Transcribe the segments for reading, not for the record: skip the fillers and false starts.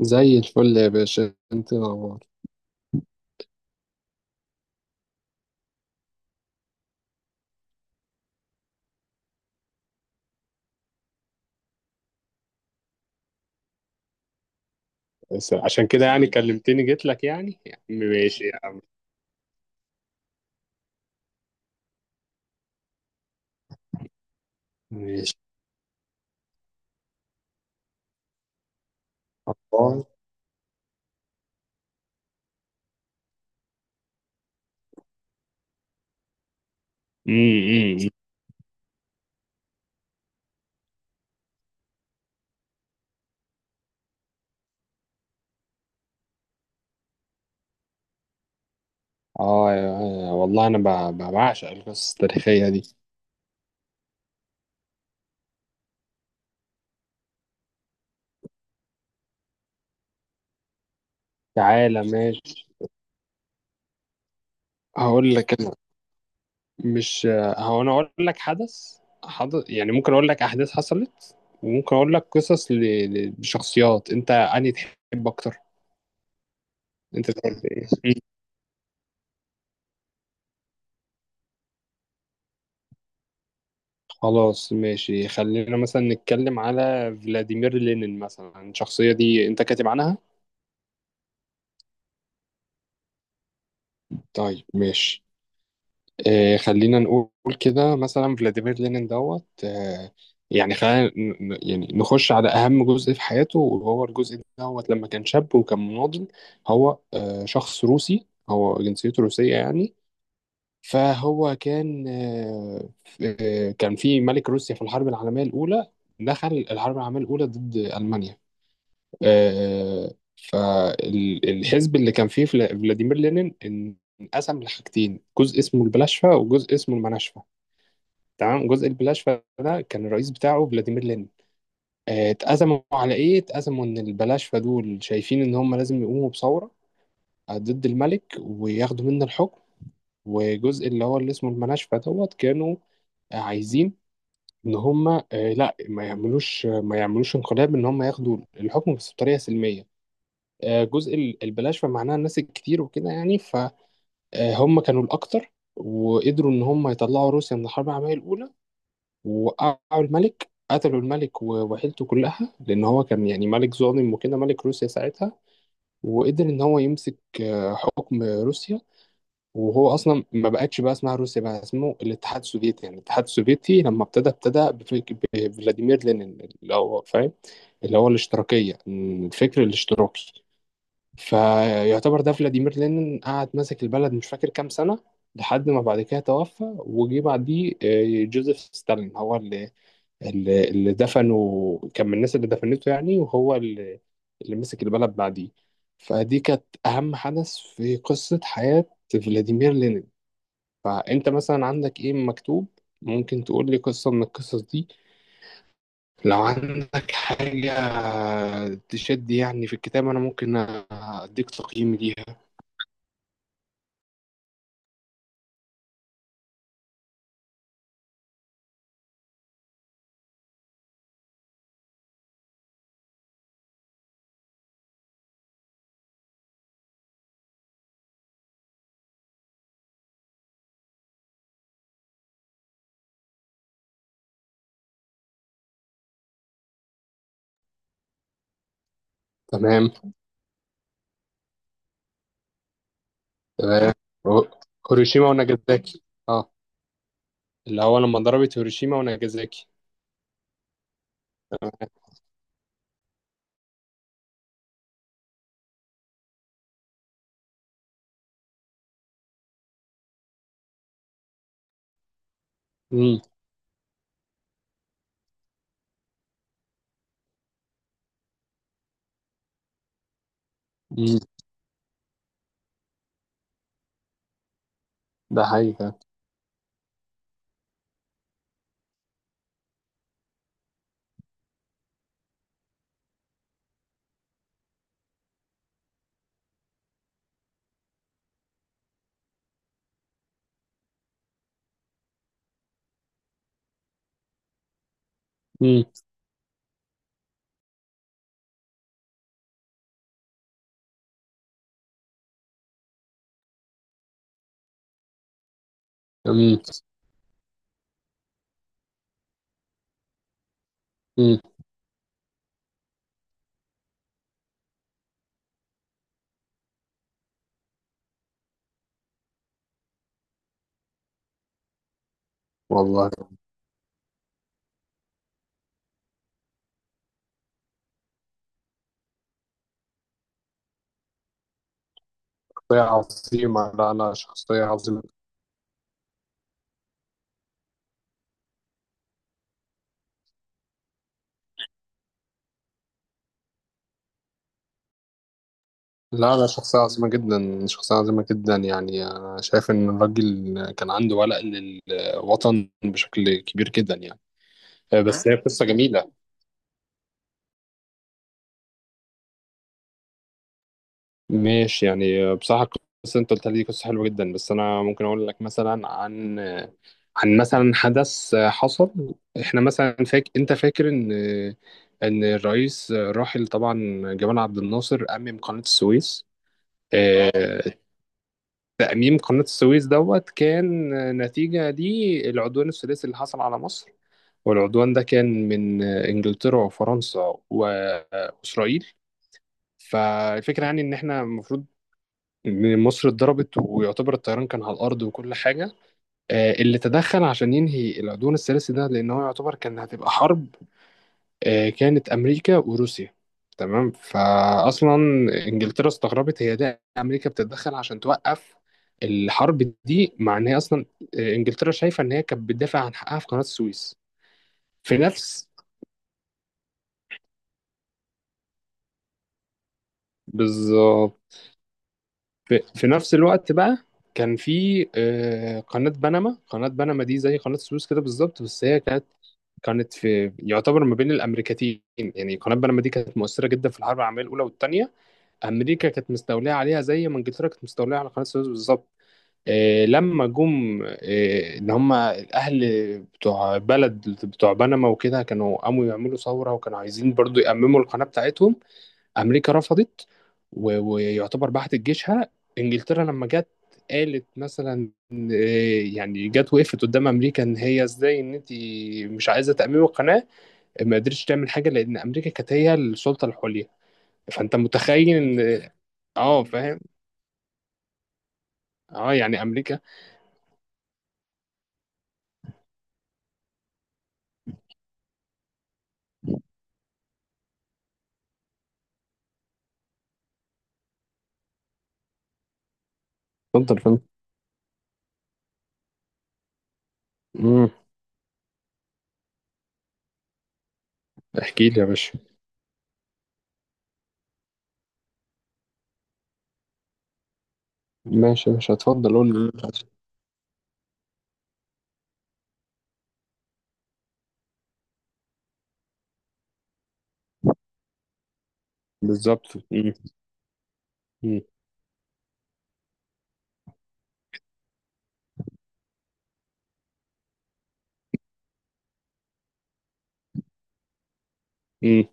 زي الفل يا باشا، انت نور. بس عشان كده يعني كلمتني جيت لك، يعني يا عم. ماشي يا عم ماشي الله. أمم. والله انا بعشق القصص التاريخيه دي. تعالى ماشي. هقول لك انا. مش هو انا اقول لك حدث حدث، يعني ممكن اقول لك احداث حصلت، وممكن اقول لك قصص لشخصيات. انت انهي تحب اكتر؟ انت تحب ايه؟ خلاص ماشي، خلينا مثلا نتكلم على فلاديمير لينين مثلا. الشخصية دي انت كاتب عنها؟ طيب ماشي. آه، خلينا نقول كده مثلا فلاديمير لينين دوت. آه، يعني خلينا يعني نخش على أهم جزء في حياته، وهو الجزء دوت لما كان شاب وكان مناضل. هو آه شخص روسي، هو جنسيته روسية يعني. فهو كان كان في ملك روسيا في الحرب العالمية الأولى. دخل الحرب العالمية الأولى ضد ألمانيا. فالحزب اللي كان فيه فلاديمير لينين انقسم لحاجتين، جزء اسمه البلاشفة وجزء اسمه المناشفة. تمام. جزء البلاشفة ده كان الرئيس بتاعه فلاديمير لينين. اتأزموا على ايه؟ اتأزموا ان البلاشفة دول شايفين ان هم لازم يقوموا بثورة ضد الملك وياخدوا منه الحكم. وجزء اللي هو اللي اسمه المناشفة دوت كانوا عايزين ان هم، لا، ما يعملوش انقلاب، ان هم ياخدوا الحكم بس بطريقة سلمية. جزء البلاش فمعناها الناس الكتير وكده يعني. فهم كانوا الأكتر، وقدروا إن هم يطلعوا روسيا من الحرب العالمية الأولى، ووقعوا الملك، قتلوا الملك وعيلته كلها، لأن هو كان يعني ملك ظالم وكده، ملك روسيا ساعتها. وقدر إن هو يمسك حكم روسيا. وهو أصلا ما بقتش بقى اسمها روسيا، بقى اسمه الاتحاد السوفيتي. يعني الاتحاد السوفيتي لما ابتدى، ابتدى بفلاديمير لينين، اللي هو فاهم، اللي هو الاشتراكية، الفكر الاشتراكي. فيعتبر ده فلاديمير لينين قعد ماسك البلد مش فاكر كام سنة، لحد ما بعد كده توفى وجي بعديه جوزيف ستالين، هو اللي دفنه، كان من الناس اللي دفنته يعني، وهو اللي مسك البلد بعديه. فدي كانت أهم حدث في قصة حياة فلاديمير لينين. فأنت مثلا عندك إيه مكتوب؟ ممكن تقول لي قصة من القصص دي لو عندك حاجة تشد يعني في الكتاب، أنا ممكن أديك تقييم ليها. تمام تمام. هو- هيروشيما وناجازاكي. اه، اللي هو لما ضربت هيروشيما وناجازاكي. تمام. امم أمم. ده حقيقي فعلا. امم امم أمم. والله، شخصية عظيمة. لا لا، شخصية عظيمة. لا لا، شخصية عظيمة جدا، شخصية عظيمة جدا، يعني أنا شايف إن الراجل كان عنده ولاء للوطن بشكل كبير جدا يعني. بس هي قصة جميلة، ماشي، يعني بصراحة القصة انت قلتها لي قصة حلوة جدا. بس انا ممكن اقول لك مثلا عن عن مثلا حدث حصل. احنا مثلا انت فاكر ان الرئيس الراحل طبعا جمال عبد الناصر أمم قناة السويس. آه، تأميم قناة السويس دوت كان نتيجة للعدوان الثلاثي اللي حصل على مصر. والعدوان ده كان من إنجلترا وفرنسا وإسرائيل. فالفكرة يعني إن إحنا المفروض إن مصر اتضربت، ويعتبر الطيران كان على الأرض وكل حاجة. اللي تدخل عشان ينهي العدوان الثلاثي ده، لأن هو يعتبر كان هتبقى حرب. كانت أمريكا وروسيا. تمام. فأصلا إنجلترا استغربت، هي ده أمريكا بتتدخل عشان توقف الحرب دي، مع إن هي أصلا، إنجلترا شايفة إن هي كانت بتدافع عن حقها في قناة السويس. في نفس بالظبط. في نفس الوقت بقى كان في قناة بنما. قناة بنما دي زي قناة السويس كده بالظبط، بس هي كانت كانت في يعتبر ما بين الامريكتين. يعني قناه بنما دي كانت مؤثره جدا في الحرب العالميه الاولى والثانيه. امريكا كانت مستوليه عليها زي ما انجلترا كانت مستوليه على قناه السويس بالظبط. لما جم ان هم الاهل بتوع بلد بتوع بنما وكده، كانوا قاموا يعملوا ثوره، وكانوا عايزين برضو يأمموا القناه بتاعتهم. امريكا رفضت ويعتبر بعتت جيشها. انجلترا لما جت قالت مثلا إيه، يعني جت وقفت قدام امريكا ان هي ازاي ان انت مش عايزه تاميم القناه؟ ما قدرتش تعمل حاجه، لان امريكا كانت هي السلطه العليا. فانت متخيل ان، اه، فاهم، اه، يعني امريكا. اتفضل يا فندم. امم، احكي لي يا باشا. ماشي، مش هتفضل، قول لي اللي أنت عايزه. بالظبط. امم امم أمم.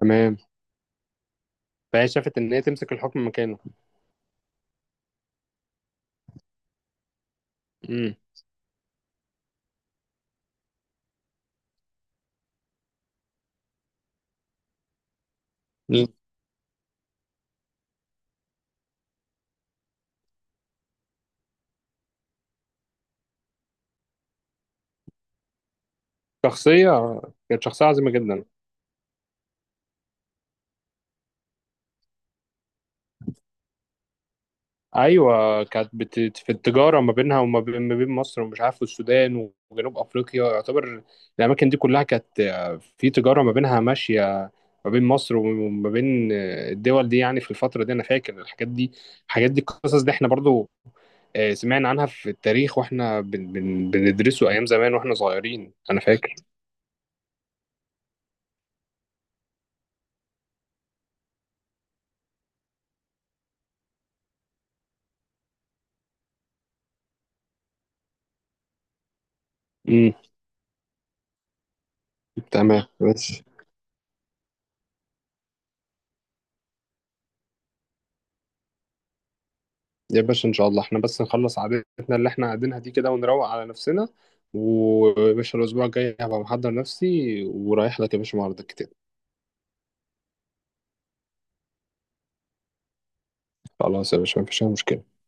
تمام. فهي شافت ان هي تمسك الحكم مكانه. امم. شخصية كانت شخصية عظيمة جدا. أيوة كانت في التجارة ما بينها ما بين مصر ومش عارف والسودان وجنوب أفريقيا يعتبر. الأماكن دي كلها كانت في تجارة ما بينها ماشية، ما بين مصر وما بين الدول دي يعني. في الفترة دي أنا فاكر الحاجات دي، الحاجات دي القصص دي إحنا برضو، سمعنا عنها في التاريخ، وإحنا بندرسه أيام زمان وإحنا صغيرين أنا فاكر. امم، تمام. بس يا باشا ان شاء الله احنا بس نخلص عادتنا اللي احنا قاعدينها دي كده ونروق على نفسنا. ويا باشا الاسبوع الجاي هبقى محضر نفسي ورايح لك يا باشا معرض الكتاب. خلاص يا باشا، مفيش اي مشكله.